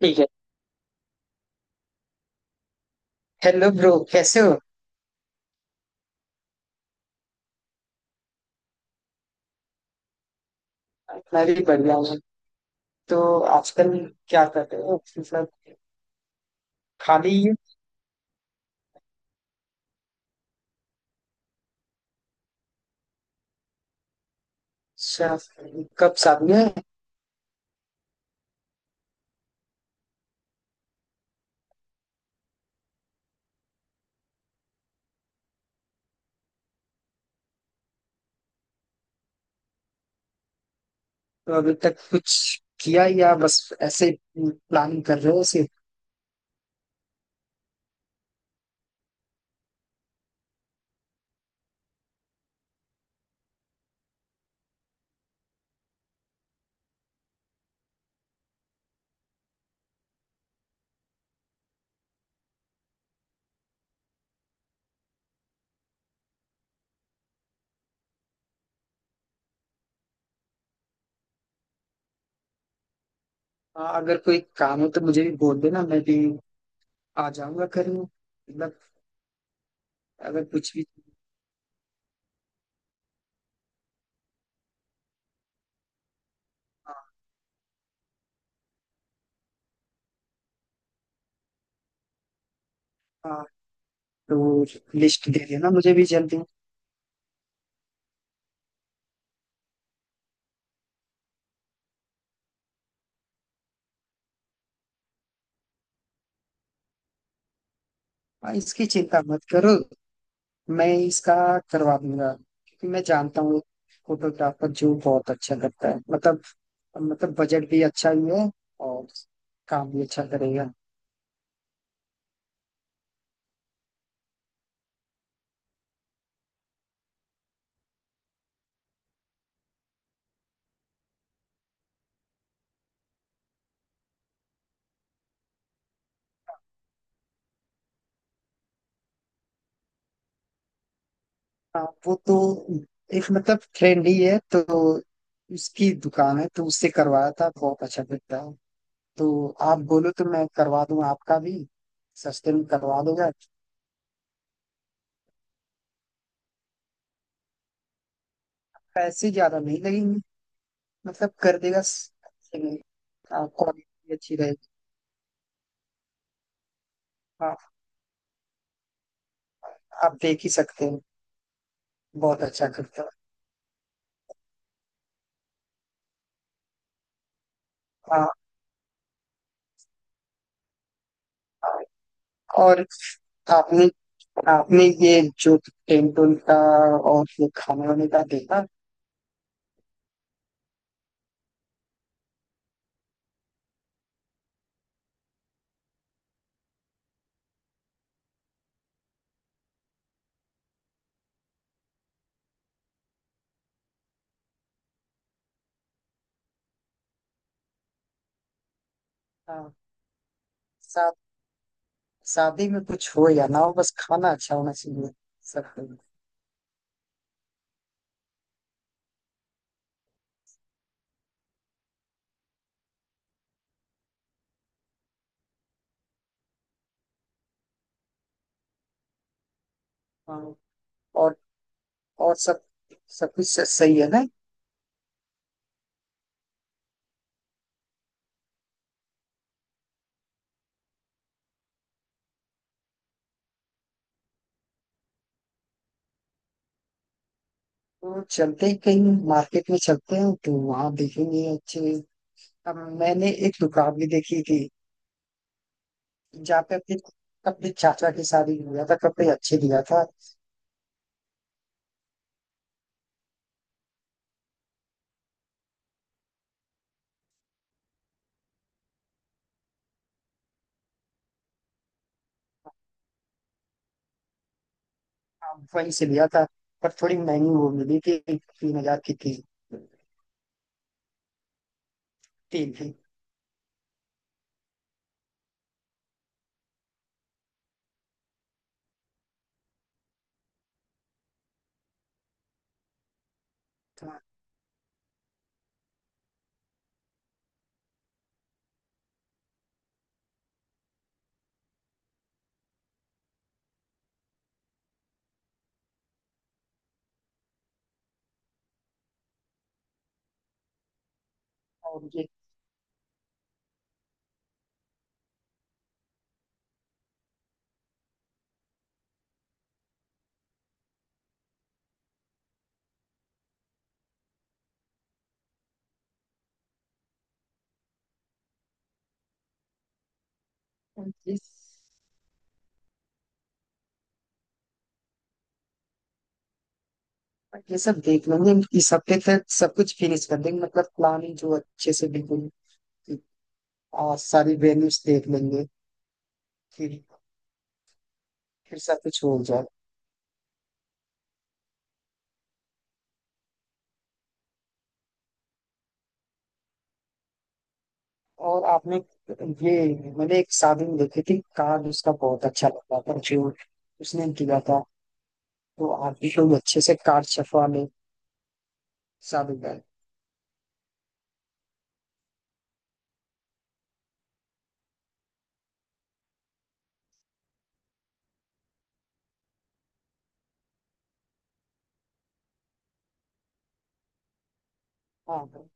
ठीक है। Hello bro, कैसे हो? मैं भी बढ़िया हूँ। तो आजकल क्या कर रहे हो, मतलब? खाली ही। शा- कब शादी है? तो अभी तक कुछ किया या बस ऐसे प्लानिंग कर रहे हो सिर्फ? हाँ, अगर कोई काम हो तो मुझे भी बोल देना, मैं भी आ जाऊंगा करने, मतलब। अगर कुछ भी। हाँ। हाँ, तो लिस्ट दे देना मुझे भी जल्दी। हाँ, इसकी चिंता मत करो। मैं इसका करवा दूंगा, क्योंकि मैं जानता हूँ। फोटोग्राफर जो बहुत अच्छा करता है, मतलब। मतलब, बजट भी अच्छा ही है। और काम भी अच्छा करेगा। हाँ, वो तो एक मतलब फ्रेंड ही है, तो उसकी दुकान है, तो उससे करवाया था। बहुत अच्छा दिखता है। तो आप बोलो तो मैं करवा दूं आपका भी। सस्ते में करवा दूंगा। पैसे ज्यादा नहीं लगेंगे। मतलब, कर देगा अच्छे में। हाँ, क्वालिटी अच्छी रहेगी। हाँ, आप देख ही सकते हैं। बहुत अच्छा करता है। हाँ, और आपने आपने ये जो टेंटोन का और ये खाने वाने का देखा? हाँ, शा- शादी में कुछ हो या ना हो, बस खाना अच्छा होना चाहिए। सब कुछ। हाँ, और और सब सब कुछ सही है ना? तो चलते ही कहीं, मार्केट में चलते हैं तो वहां देखेंगे अच्छे। अब मैंने एक दुकान भी देखी थी, जहाँ पे अपनी अपनी चाचा की शादी में लिया था, कपड़े अच्छे लिया था। हाँ, वहीं से लिया था। पर थोड़ी महंगी वो मिली थी, 3 हजार की थी। तीन थी। हाँ, और ये ये सब देख लेंगे। इस हफ्ते तक सब कुछ फिनिश कर देंगे, मतलब प्लानिंग जो अच्छे से बिल्कुल। और सारी वेन्यूज देख लेंगे। फिर फिर सब कुछ हो जाए। और आपने ये मैंने एक शादी में देखी थी, कार्ड उसका बहुत अच्छा लगा था जो उसने किया था। तो आप एकदम अच्छे से कार चफवा में साबित है। हाँ,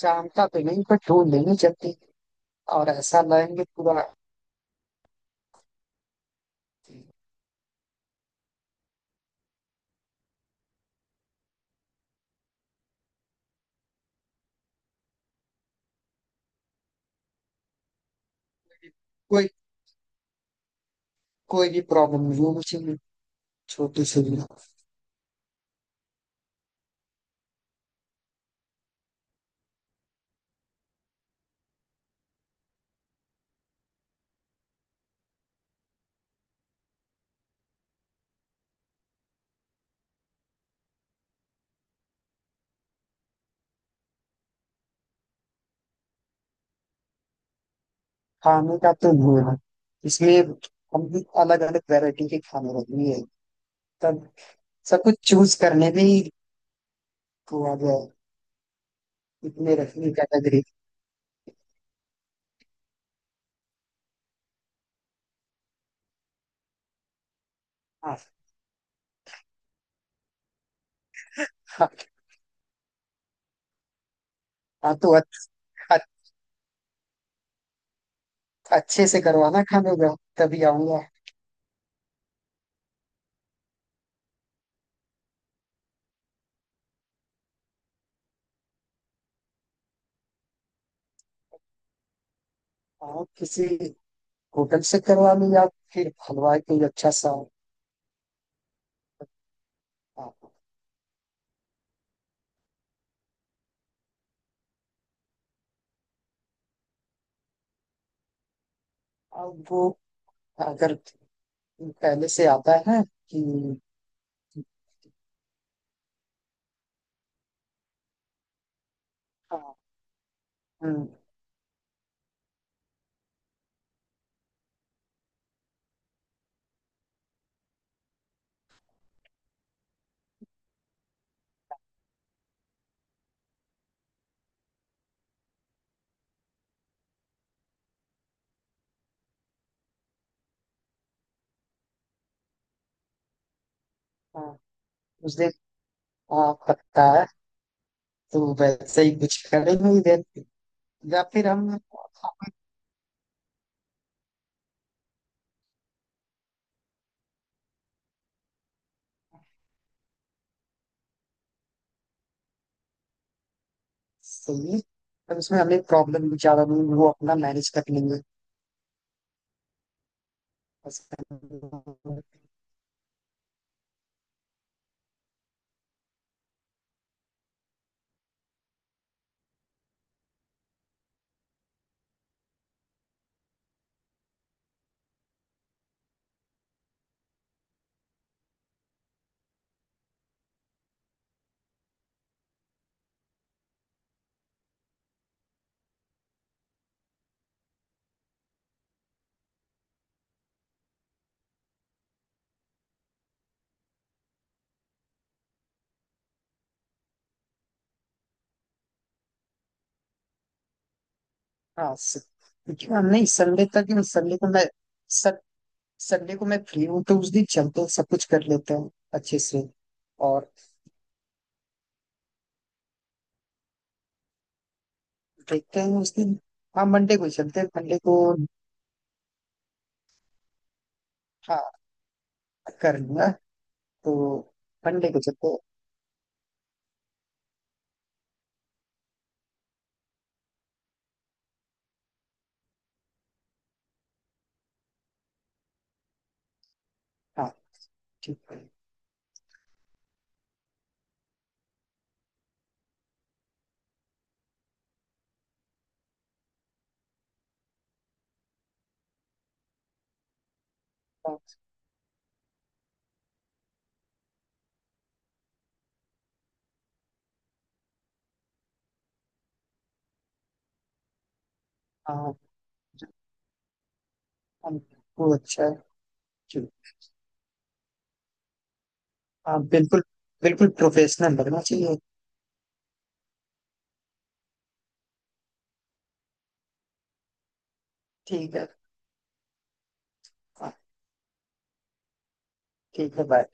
जानता तो नहीं पर ढूंढ लेंगे जल्दी। और ऐसा लाएंगे पूरा। कोई कोई भी प्रॉब्लम नहीं होनी चाहिए। छोटी सी भी। खाने का तो नहीं है इसमें। हम भी अलग अलग वैरायटी के खाने रखनी है। तब सब कुछ चूज करने में ही वो आ गया है। इतने रखनी कैटेगरी। हाँ, हाँ, हाँ, तो अच- अच्छे से करवाना खाने का। तभी आऊंगा। हाँ, किसी होटल से करवा लूँ या फिर हलवाई कोई अच्छा सा। हाँ, अब वो अगर पहले से आता है कि। हाँ। हम्म, हाँ, उस दिन। हाँ, पकता है। तो वैसे ही कुछ करेंगे ही देन। या फिर हम, हाँ। सही है। पर उसमें हमें प्रॉब्लम भी ज्यादा नहीं, वो अपना मैनेज कर लेंगे। बस हम- हाँ, क्योंकि हम नहीं संडे तक, संडे को मैं सं- संडे को मैं फ्री हूँ, तो उस दिन चलते हैं, सब कुछ कर लेते हैं अच्छे से। और देखते हैं उस दिन। हाँ, मंडे को ही चलते हैं, मंडे को। हाँ, कर लूंगा। तो मंडे को चलते हैं। हाँ। ठीक है। हाँ, हाँ, हाँ, वो अच्छा है। ठीक। हाँ बिल्कुल। बिल्कुल प्रोफेशनल लगना चाहिए। ठीक है। हाँ, ठीक है, बाय।